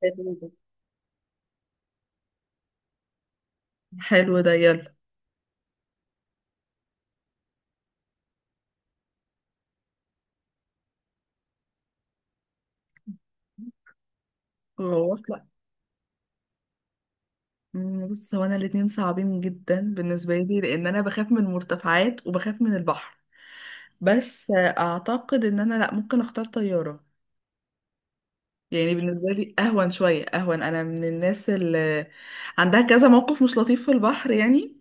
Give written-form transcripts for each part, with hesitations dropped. حلو ده. حلو ده، يلا. هو واصلة. بص، هو انا الاتنين صعبين جدا بالنسبة لي لان انا بخاف من المرتفعات وبخاف من البحر. بس اعتقد ان انا، لا، ممكن اختار طيارة. يعني بالنسبة لي اهون شوية، اهون. انا من الناس اللي عندها كذا موقف مش لطيف في البحر يعني.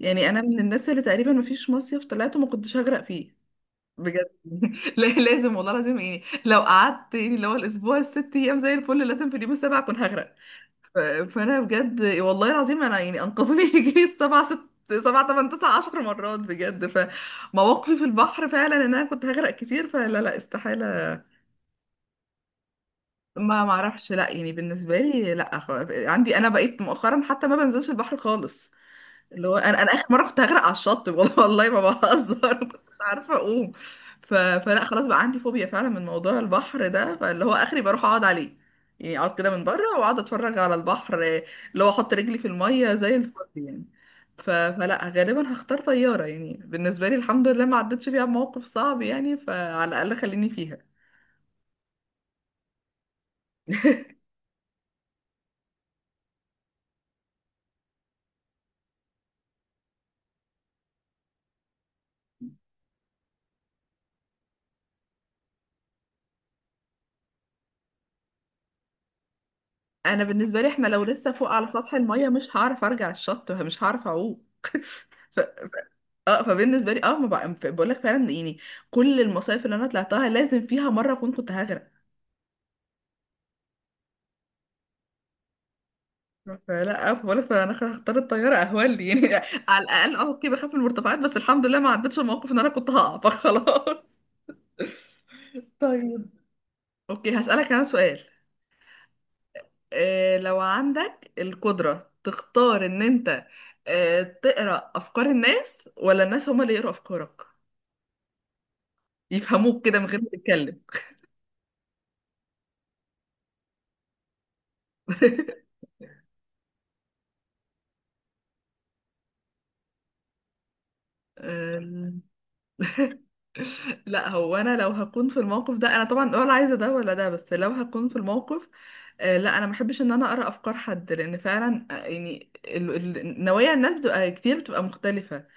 يعني انا من الناس اللي تقريبا مفيش مصيف طلعته ما كنتش هغرق فيه بجد. لا لازم، والله لازم، يعني لو قعدت يعني اللي هو الاسبوع الست ايام زي الفل، لازم في اليوم السابع اكون هغرق. ف- فانا بجد، والله العظيم، انا يعني انقذوني يجي سبع تمن تسع عشر مرات بجد. فمواقفي في البحر فعلا ان انا كنت هغرق كتير، فلا لا، استحاله. ما معرفش، لا، يعني بالنسبه لي لا، عندي انا بقيت مؤخرا حتى ما بنزلش البحر خالص. اللي هو انا اخر مره كنت هغرق على الشط، والله والله ما بهزر، ما كنتش عارفه اقوم. فلا خلاص، بقى عندي فوبيا فعلا من موضوع البحر ده. فاللي هو اخري بروح اقعد عليه، يعني اقعد كده من بره واقعد اتفرج على البحر. اللي هو احط رجلي في الميه زي الفل يعني. فلا غالبا هختار طياره. يعني بالنسبه لي الحمد لله ما عدتش فيها بموقف صعب، يعني فعلى الاقل خليني فيها. انا بالنسبه لي احنا لو لسه فوق على سطح الميه مش هعرف ارجع الشط، مش هعرف اعوم. ف... ف... اه، فبالنسبه لي اه، ما بقى... بقول لك فعلا يعني كل المصايف اللي انا طلعتها لازم فيها مره اكون كنت هغرق. فلا، بقول لك انا هختار الطياره، اهون لي يعني. على الاقل اه، اوكي بخاف من المرتفعات، بس الحمد لله ما عدتش الموقف ان انا كنت هقع فخلاص. طيب، اوكي هسألك انا سؤال. إيه لو عندك القدرة تختار ان انت تقرأ افكار الناس، ولا الناس هما اللي يقرأوا افكارك يفهموك كده من غير ما تتكلم؟ أم، لا، هو انا لو هكون في الموقف ده انا طبعا ولا عايزه ده ولا ده، بس لو هكون في الموقف لا، انا ما بحبش ان انا اقرا افكار حد، لان فعلا يعني نوايا الناس بتبقى كتير، بتبقى مختلفه.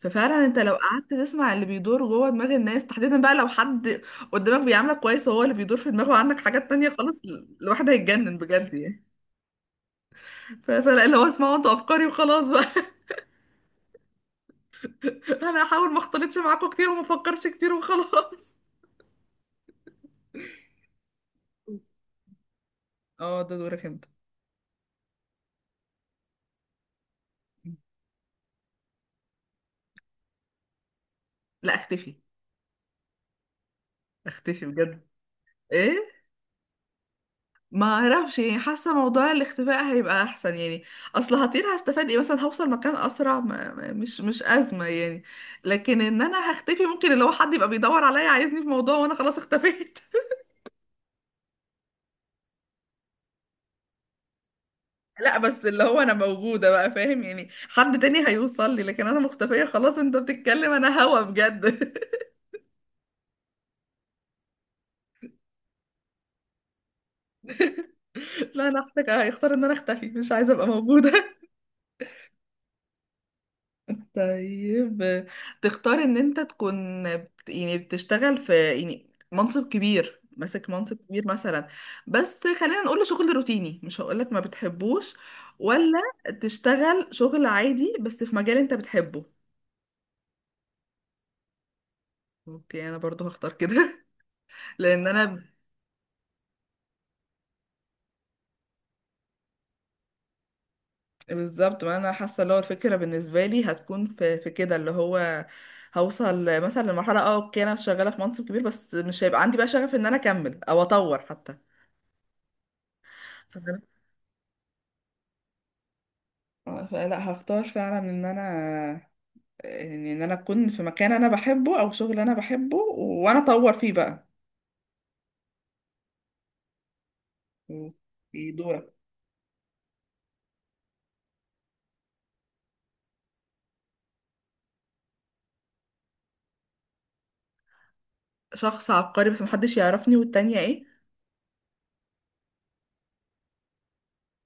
ففعلا انت لو قعدت تسمع اللي بيدور جوه دماغ الناس، تحديدا بقى لو حد قدامك بيعاملك كويس وهو اللي بيدور في دماغه عندك حاجات تانية، خلاص الواحد هيتجنن بجد يعني. فلا، اللي هو اسمعوا انتوا افكاري وخلاص بقى. انا هحاول ما اختلطش معاكم كتير وما افكرش كتير وخلاص. اه، ده دورك انت. لا، اختفي. اختفي بجد. ايه. ما اعرفش يعني، حاسه موضوع الاختفاء هيبقى احسن يعني. اصل هطير، هستفاد ايه؟ مثلا هوصل مكان اسرع، مش ازمه يعني. لكن ان انا هختفي ممكن اللي هو حد يبقى بيدور عليا عايزني في موضوع وانا خلاص اختفيت. لا بس اللي هو انا موجوده بقى، فاهم يعني؟ حد تاني هيوصل لي، لكن انا مختفيه خلاص. انت بتتكلم انا هوا بجد. لا انا هيختار ان انا اختفي، مش عايزه ابقى موجوده. طيب، تختار ان انت تكون يعني بتشتغل في يعني منصب كبير، ماسك منصب كبير مثلا، بس خلينا نقول شغل روتيني مش هقولك ما بتحبوش، ولا تشتغل شغل عادي بس في مجال انت بتحبه؟ اوكي، انا برضو هختار كده. لان انا بالظبط، ما انا حاسه اللي هو الفكره بالنسبه لي هتكون في كده. اللي هو هوصل مثلا لمرحله اه اوكي انا شغاله في منصب كبير بس مش هيبقى عندي بقى شغف ان انا اكمل او اطور حتى. لا، هختار فعلا ان انا يعني ان انا اكون في مكان انا بحبه او شغل انا بحبه وانا اطور فيه بقى. في دورك. شخص عبقري بس محدش يعرفني، والتانية ايه؟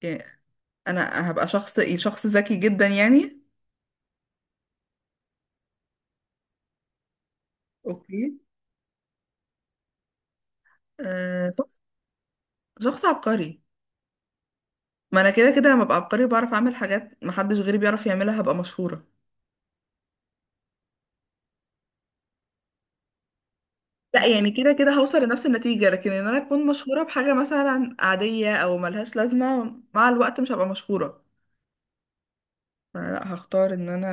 يعني انا هبقى شخص ايه، شخص ذكي جدا يعني؟ اوكي. آه، شخص، شخص عبقري. ما انا كده كده لما ابقى عبقري بعرف اعمل حاجات محدش غيري بيعرف يعملها هبقى مشهورة. لا، يعني كده كده هوصل لنفس النتيجة، لكن ان انا اكون مشهورة بحاجة مثلا عادية او ملهاش لازمة، مع الوقت مش هبقى مشهورة. لا، هختار ان انا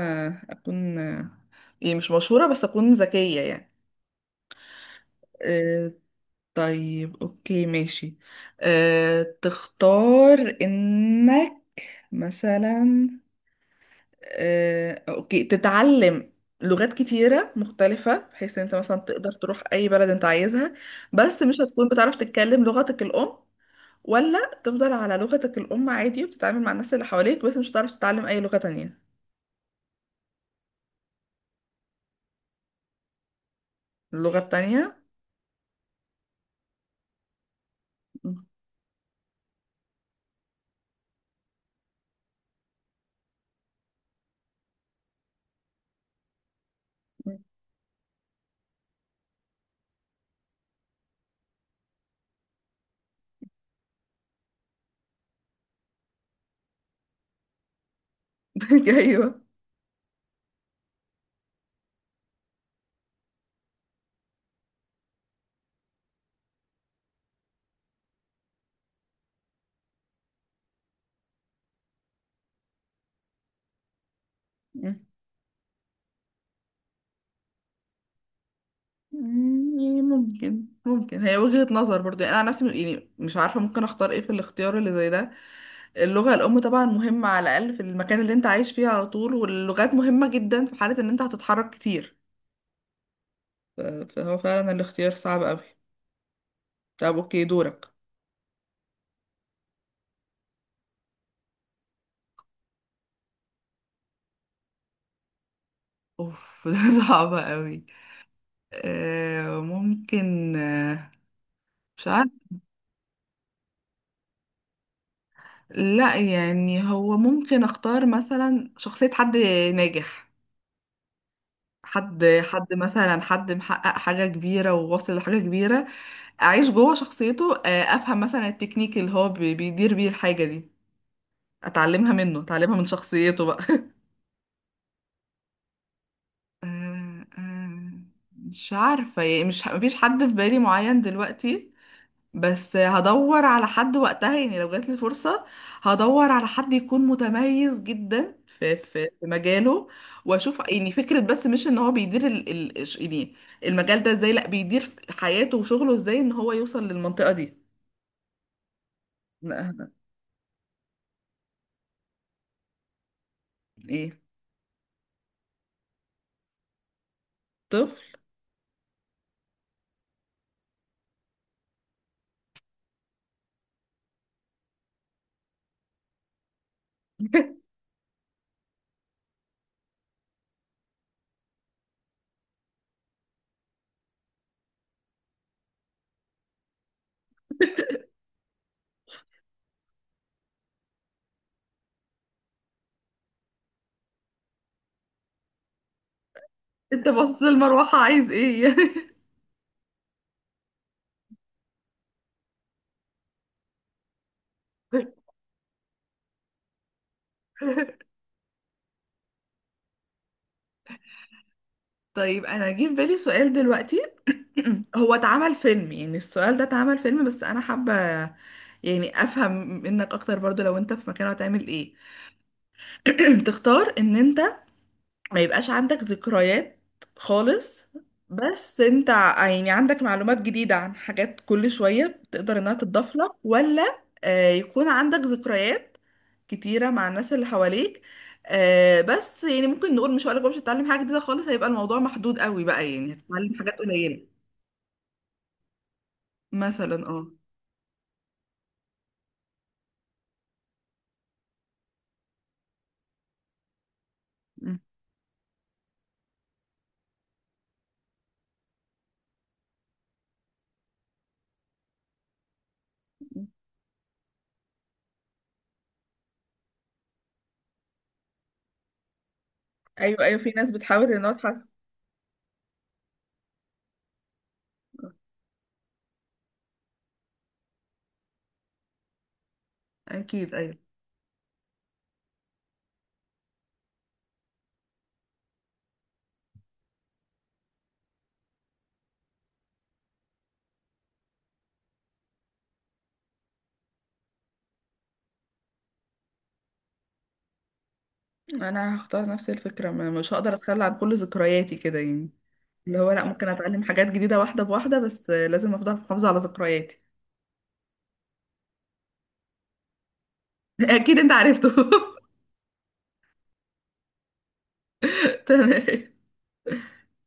اكون يعني مش مشهورة بس اكون ذكية يعني. أه. طيب، اوكي ماشي. أه، تختار انك مثلا، أه اوكي، تتعلم لغات كتيرة مختلفة بحيث ان انت مثلا تقدر تروح اي بلد انت عايزها، بس مش هتكون بتعرف تتكلم لغتك الام، ولا تفضل على لغتك الام عادي وبتتعامل مع الناس اللي حواليك بس مش هتعرف تتعلم اي لغة تانية؟ اللغة التانية. ايوه. مم. يعني ممكن، ممكن هي وجهة نظر برضو. يعني انا عن نفسي يعني مش عارفة ممكن اختار ايه في الاختيار اللي زي ده. اللغة الام طبعا مهمة على الاقل في المكان اللي انت عايش فيه على طول، واللغات مهمة جدا في حالة ان انت هتتحرك كتير. فهو فعلا الاختيار صعب قوي. طب اوكي، دورك. اوف. ده صعب قوي. آه، ممكن، آه، مش عارف. لا يعني هو ممكن اختار مثلا شخصية حد ناجح، حد مثلا، حد محقق حاجة كبيرة وواصل لحاجة كبيرة. أعيش جوه شخصيته، أفهم مثلا التكنيك اللي هو بيدير بيه الحاجة دي، أتعلمها منه، أتعلمها من شخصيته بقى. آه، آه، مش عارفة يعني، مش مفيش حد في بالي معين دلوقتي، بس هدور على حد وقتها. يعني لو جات لي فرصة هدور على حد يكون متميز جدا في في مجاله، واشوف يعني فكرة، بس مش ان هو بيدير يعني المجال ده ازاي، لا بيدير حياته وشغله ازاي ان هو يوصل للمنطقة دي. لا أنا- ايه، طفل. انت باصص للمروحة عايز ايه؟ طيب، انا جه في بالي سؤال دلوقتي. هو اتعمل فيلم، يعني السؤال ده اتعمل فيلم، بس انا حابة يعني افهم منك اكتر برضو، لو انت في مكانه هتعمل ايه. تختار ان انت ما يبقاش عندك ذكريات خالص، بس انت يعني عندك معلومات جديدة عن حاجات كل شوية تقدر انها تضاف لك، ولا يكون عندك ذكريات كتيرة مع الناس اللي حواليك، بس يعني ممكن نقول، مش هقولك بقى مش هتتعلم حاجة جديدة خالص، هيبقى الموضوع محدود قوي بقى، يعني هتتعلم حاجات قليلة مثلا اه. ايوه ايوه، في ناس بتحاول انها تحسن. اكيد، ايوه. انا هختار نفس الفكره، ما مش هقدر اتخلى عن كل ذكرياتي كده يعني. اللي هو لا، ممكن اتعلم حاجات جديده واحده بواحده، بس لازم افضل محافظه على ذكرياتي. اكيد انت عرفته. تمام.